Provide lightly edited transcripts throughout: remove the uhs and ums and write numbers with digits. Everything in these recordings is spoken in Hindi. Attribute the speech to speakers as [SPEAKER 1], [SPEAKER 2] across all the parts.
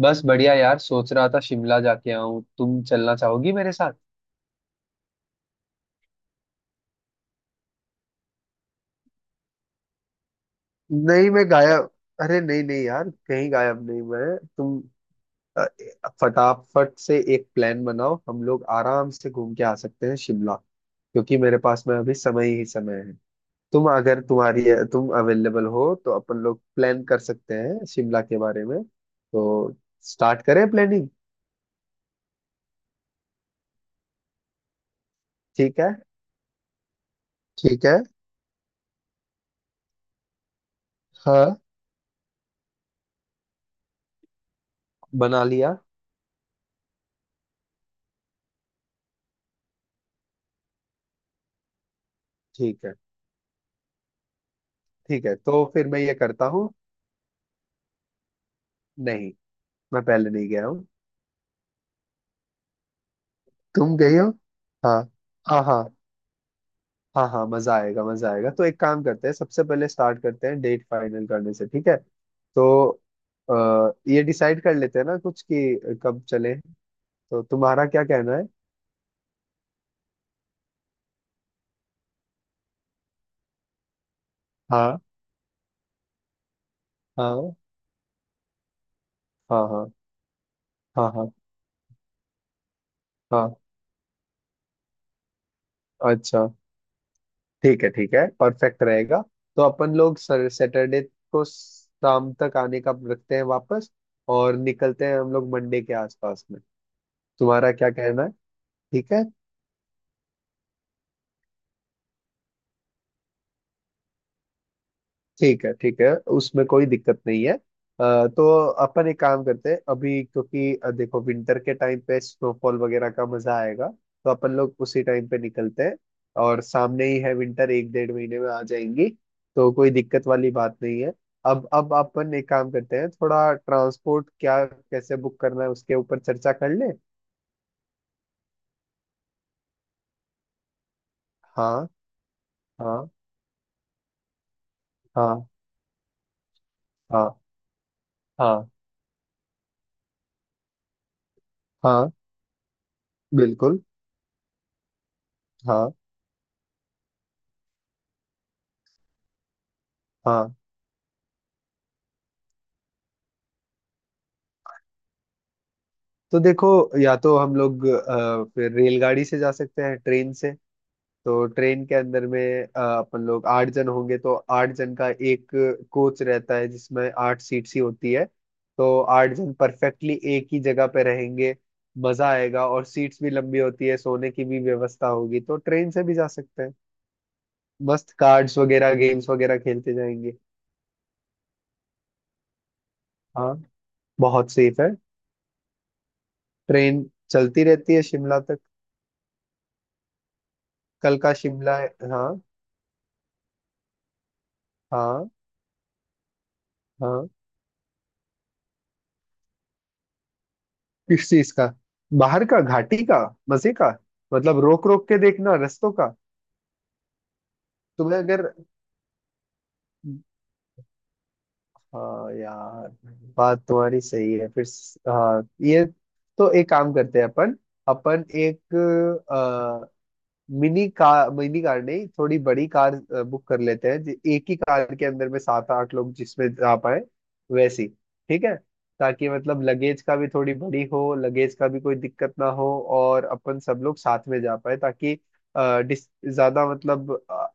[SPEAKER 1] बस बढ़िया यार, सोच रहा था शिमला जाके आऊं। तुम चलना चाहोगी मेरे साथ? नहीं, मैं गायब अरे नहीं नहीं यार, कहीं गायब नहीं। अ, फटाफट से एक प्लान बनाओ। हम लोग आराम से घूम के आ सकते हैं शिमला। क्योंकि मेरे पास में अभी समय ही समय है। तुम अगर तुम्हारी तुम अवेलेबल हो तो अपन लोग प्लान कर सकते हैं शिमला के बारे में। तो स्टार्ट करें प्लानिंग। ठीक है। ठीक है। हाँ। बना लिया। ठीक है। ठीक है, तो फिर मैं ये करता हूँ। नहीं, मैं पहले नहीं गया हूँ। तुम गई हो? हाँ। हाँ हाँ। हाँ हाँ, मजा आएगा। मजा आएगा, तो एक काम करते हैं, सबसे पहले स्टार्ट करते हैं डेट फाइनल करने से। ठीक है। तो ये डिसाइड कर लेते हैं ना कुछ कि कब चले। तो तुम्हारा क्या कहना है? हाँ। हाँ। हाँ। हाँ। हाँ हाँ। हाँ। अच्छा। ठीक है। ठीक है, परफेक्ट रहेगा। तो अपन लोग सैटरडे को शाम तक आने का रखते हैं वापस। और निकलते हैं हम लोग मंडे के आसपास में। तुम्हारा क्या कहना है? ठीक है। ठीक है। ठीक है, उसमें कोई दिक्कत नहीं है। तो अपन एक काम करते हैं अभी, क्योंकि देखो विंटर के टाइम पे स्नोफॉल वगैरह का मजा आएगा, तो अपन लोग उसी टाइम पे निकलते हैं। और सामने ही है विंटर, एक डेढ़ महीने में आ जाएंगी। तो कोई दिक्कत वाली बात नहीं है। अब अपन एक काम करते हैं, थोड़ा ट्रांसपोर्ट क्या कैसे बुक करना है उसके ऊपर चर्चा कर ले। हाँ। हाँ। हाँ। हाँ। हाँ। हाँ, बिल्कुल। हाँ हाँ। तो देखो, या तो हम लोग फिर रेलगाड़ी से जा सकते हैं, ट्रेन से। तो ट्रेन के अंदर में अपन लोग 8 जन होंगे, तो 8 जन का एक कोच रहता है जिसमें 8 सीट्स ही होती है। तो 8 जन परफेक्टली एक ही जगह पे रहेंगे। मजा आएगा। और सीट्स भी लंबी होती है, सोने की भी व्यवस्था होगी, तो ट्रेन से भी जा सकते हैं। मस्त कार्ड्स वगैरह, गेम्स वगैरह खेलते जाएंगे। हाँ, बहुत सेफ है ट्रेन। चलती रहती है शिमला तक। कल का शिमला है, हाँ। हाँ। हाँ। किस चीज का? बाहर का, घाटी का, मजे का। मतलब रोक रोक के देखना रस्तों का। तुम्हें अगर, हाँ यार, बात तुम्हारी सही है, फिर हाँ ये, तो एक काम करते हैं। अपन अपन एक मिनी कार नहीं, थोड़ी बड़ी कार बुक कर लेते हैं, एक ही कार के अंदर में 7-8 लोग जिसमें जा पाए वैसी। ठीक है, ताकि मतलब लगेज का भी, थोड़ी बड़ी हो, लगेज का भी कोई दिक्कत ना हो। और अपन सब लोग साथ में जा पाए, ताकि अ, डिस ज्यादा मतलब,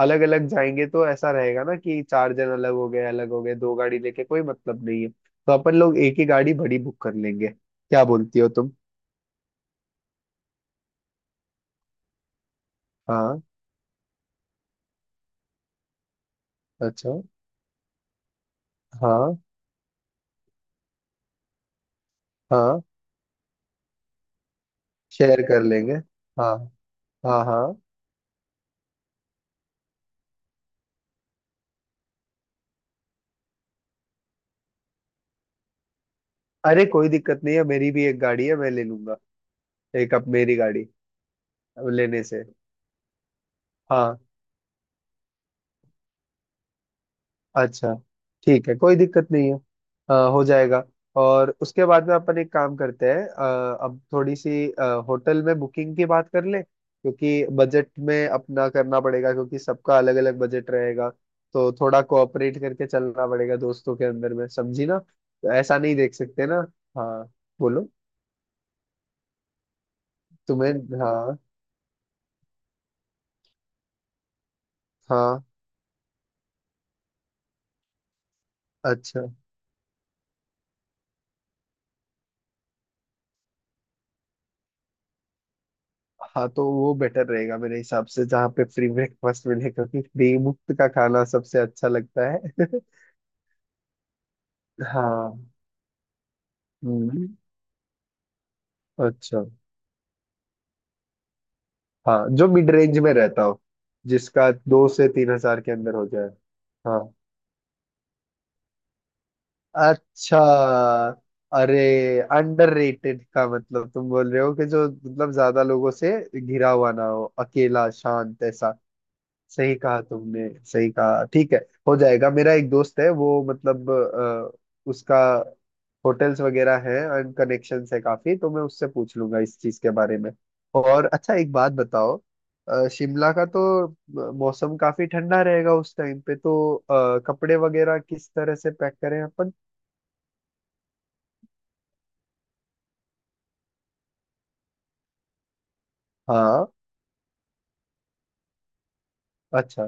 [SPEAKER 1] अलग अलग जाएंगे तो ऐसा रहेगा ना कि 4 जन अलग हो गए, अलग हो गए, 2 गाड़ी लेके कोई मतलब नहीं है। तो अपन लोग एक ही गाड़ी बड़ी बुक कर लेंगे, क्या बोलती हो तुम? हाँ। अच्छा। हाँ। हाँ, शेयर कर लेंगे। हाँ। हाँ हाँ। अरे, कोई दिक्कत नहीं है, मेरी भी एक गाड़ी है, मैं ले लूंगा। एक, अब मेरी गाड़ी, अब लेने से, हाँ। अच्छा, ठीक है, कोई दिक्कत नहीं है। हो जाएगा। और उसके बाद में अपन एक काम करते हैं, अब थोड़ी सी होटल में बुकिंग की बात कर ले, क्योंकि बजट में अपना करना पड़ेगा, क्योंकि सबका अलग अलग बजट रहेगा। तो थोड़ा कोऑपरेट करके चलना पड़ेगा दोस्तों के अंदर में, समझी ना? तो ऐसा नहीं देख सकते ना। हाँ, बोलो। तुम्हें। हाँ। हाँ। अच्छा। हाँ, तो वो बेटर रहेगा मेरे हिसाब से, जहाँ पे फ्री ब्रेकफास्ट मिले, क्योंकि फ्री मुफ्त का खाना सबसे अच्छा लगता है हाँ। हम्म। अच्छा, हाँ, जो मिड रेंज में रहता हो, जिसका 2 से 3 हज़ार के अंदर हो जाए। हाँ। अच्छा, अरे, अंडररेटेड का मतलब तुम बोल रहे हो कि जो मतलब ज्यादा लोगों से घिरा हुआ ना हो, अकेला शांत ऐसा। सही कहा तुमने, सही कहा, ठीक है। हो जाएगा, मेरा एक दोस्त है, वो मतलब उसका होटल्स वगैरह हैं, एंड कनेक्शंस है काफी, तो मैं उससे पूछ लूंगा इस चीज के बारे में। और अच्छा, एक बात बताओ, शिमला का तो मौसम काफी ठंडा रहेगा उस टाइम पे, तो कपड़े वगैरह किस तरह से पैक करें अपन? हाँ। अच्छा।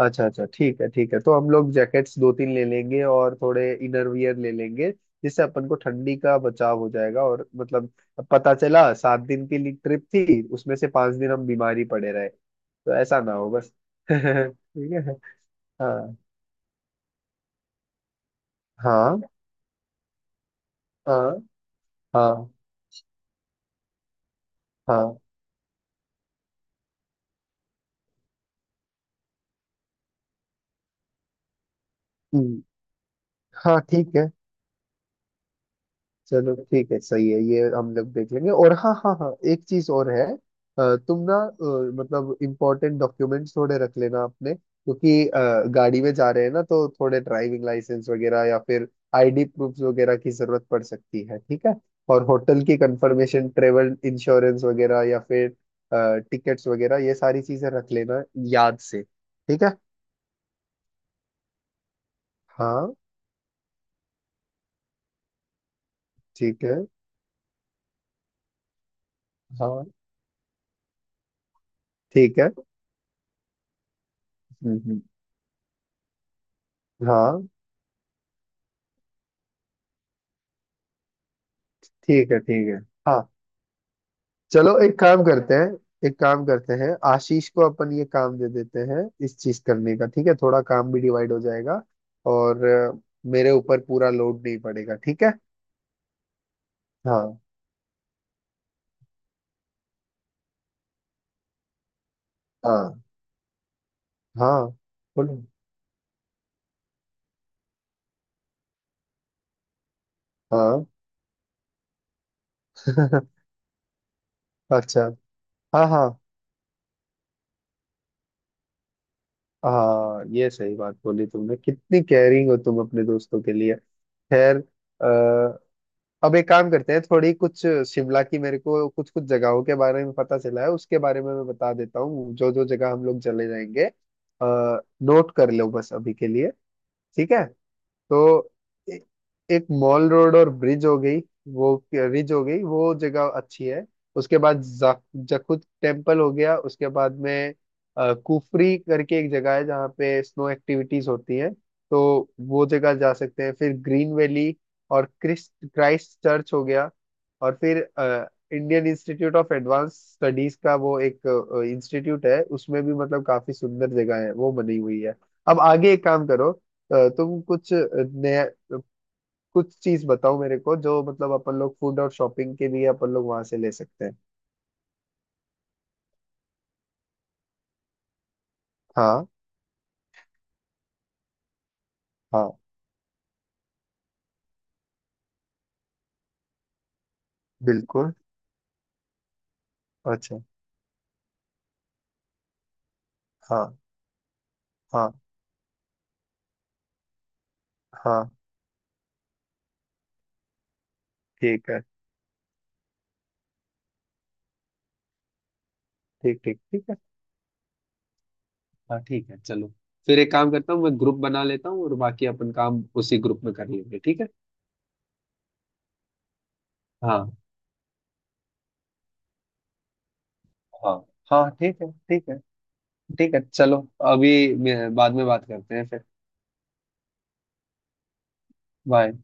[SPEAKER 1] अच्छा, अच्छा, ठीक है, ठीक है, तो हम लोग जैकेट्स 2-3 ले लेंगे और थोड़े इनर वियर ले लेंगे। जिससे अपन को ठंडी का बचाव हो जाएगा, और मतलब, अब पता चला 7 दिन की ट्रिप थी, उसमें से 5 दिन हम बीमारी पड़े रहे। तो ऐसा ना हो बस ठीक है। हाँ। हाँ। हाँ। हाँ। हाँ। हम्म। हाँ, ठीक है, चलो, ठीक है, सही है, ये हम लोग देख लेंगे। और हाँ हाँ हाँ, एक चीज और है, तुम ना, मतलब इम्पोर्टेंट डॉक्यूमेंट्स थोड़े रख लेना अपने, क्योंकि गाड़ी में जा रहे हैं ना, तो थोड़े ड्राइविंग लाइसेंस वगैरह, या फिर आईडी प्रूफ वगैरह की जरूरत पड़ सकती है, ठीक है। और होटल की कंफर्मेशन, ट्रेवल इंश्योरेंस वगैरह, या फिर टिकट्स वगैरह, ये सारी चीजें रख लेना याद से, ठीक है। हाँ, ठीक है। हाँ, ठीक है। हम्म। हम्म। हाँ, ठीक है। ठीक है। हाँ, चलो, एक काम करते हैं, एक काम करते हैं, आशीष को अपन ये काम दे देते हैं इस चीज करने का, ठीक है। थोड़ा काम भी डिवाइड हो जाएगा। और मेरे ऊपर पूरा लोड नहीं पड़ेगा, ठीक है। हाँ। हाँ। हाँ, बोलो। हाँ अच्छा। हाँ हाँ हाँ, ये सही बात बोली तुमने, कितनी केयरिंग हो तुम अपने दोस्तों के लिए। खैर, अब एक काम करते हैं, थोड़ी कुछ शिमला की, मेरे को कुछ कुछ जगहों के बारे में पता चला है, उसके बारे में मैं बता देता हूँ, जो जो जगह हम लोग चले जाएंगे। आ, नोट कर लो बस अभी के लिए, ठीक है। तो ए- एक मॉल रोड और ब्रिज हो गई, वो रिज हो गई, वो जगह अच्छी है। उसके बाद जखुद टेम्पल हो गया, उसके बाद में कुफरी करके एक जगह है जहाँ पे स्नो एक्टिविटीज होती हैं। तो वो जगह जा सकते हैं। फिर ग्रीन वैली, और क्रिस्ट क्राइस्ट चर्च हो गया। और फिर Indian Institute of Advanced Studies का वो एक इंस्टीट्यूट है, उसमें भी मतलब काफी सुंदर जगह है वो बनी हुई है। अब आगे एक काम करो, तुम कुछ चीज बताओ मेरे को, जो मतलब अपन लोग फूड और शॉपिंग के लिए अपन लोग वहां से ले सकते हैं। हाँ। हाँ, बिल्कुल। अच्छा। हाँ। हाँ। हाँ, ठीक है। ठीक, ठीक, ठीक है। हाँ, ठीक है, चलो, फिर एक काम करता हूँ, मैं ग्रुप बना लेता हूँ और बाकी अपन काम उसी ग्रुप में कर लेंगे, ठीक है। हाँ। हाँ। हाँ, ठीक है। ठीक है। ठीक है, चलो, अभी बाद में बात करते हैं फिर। बाय।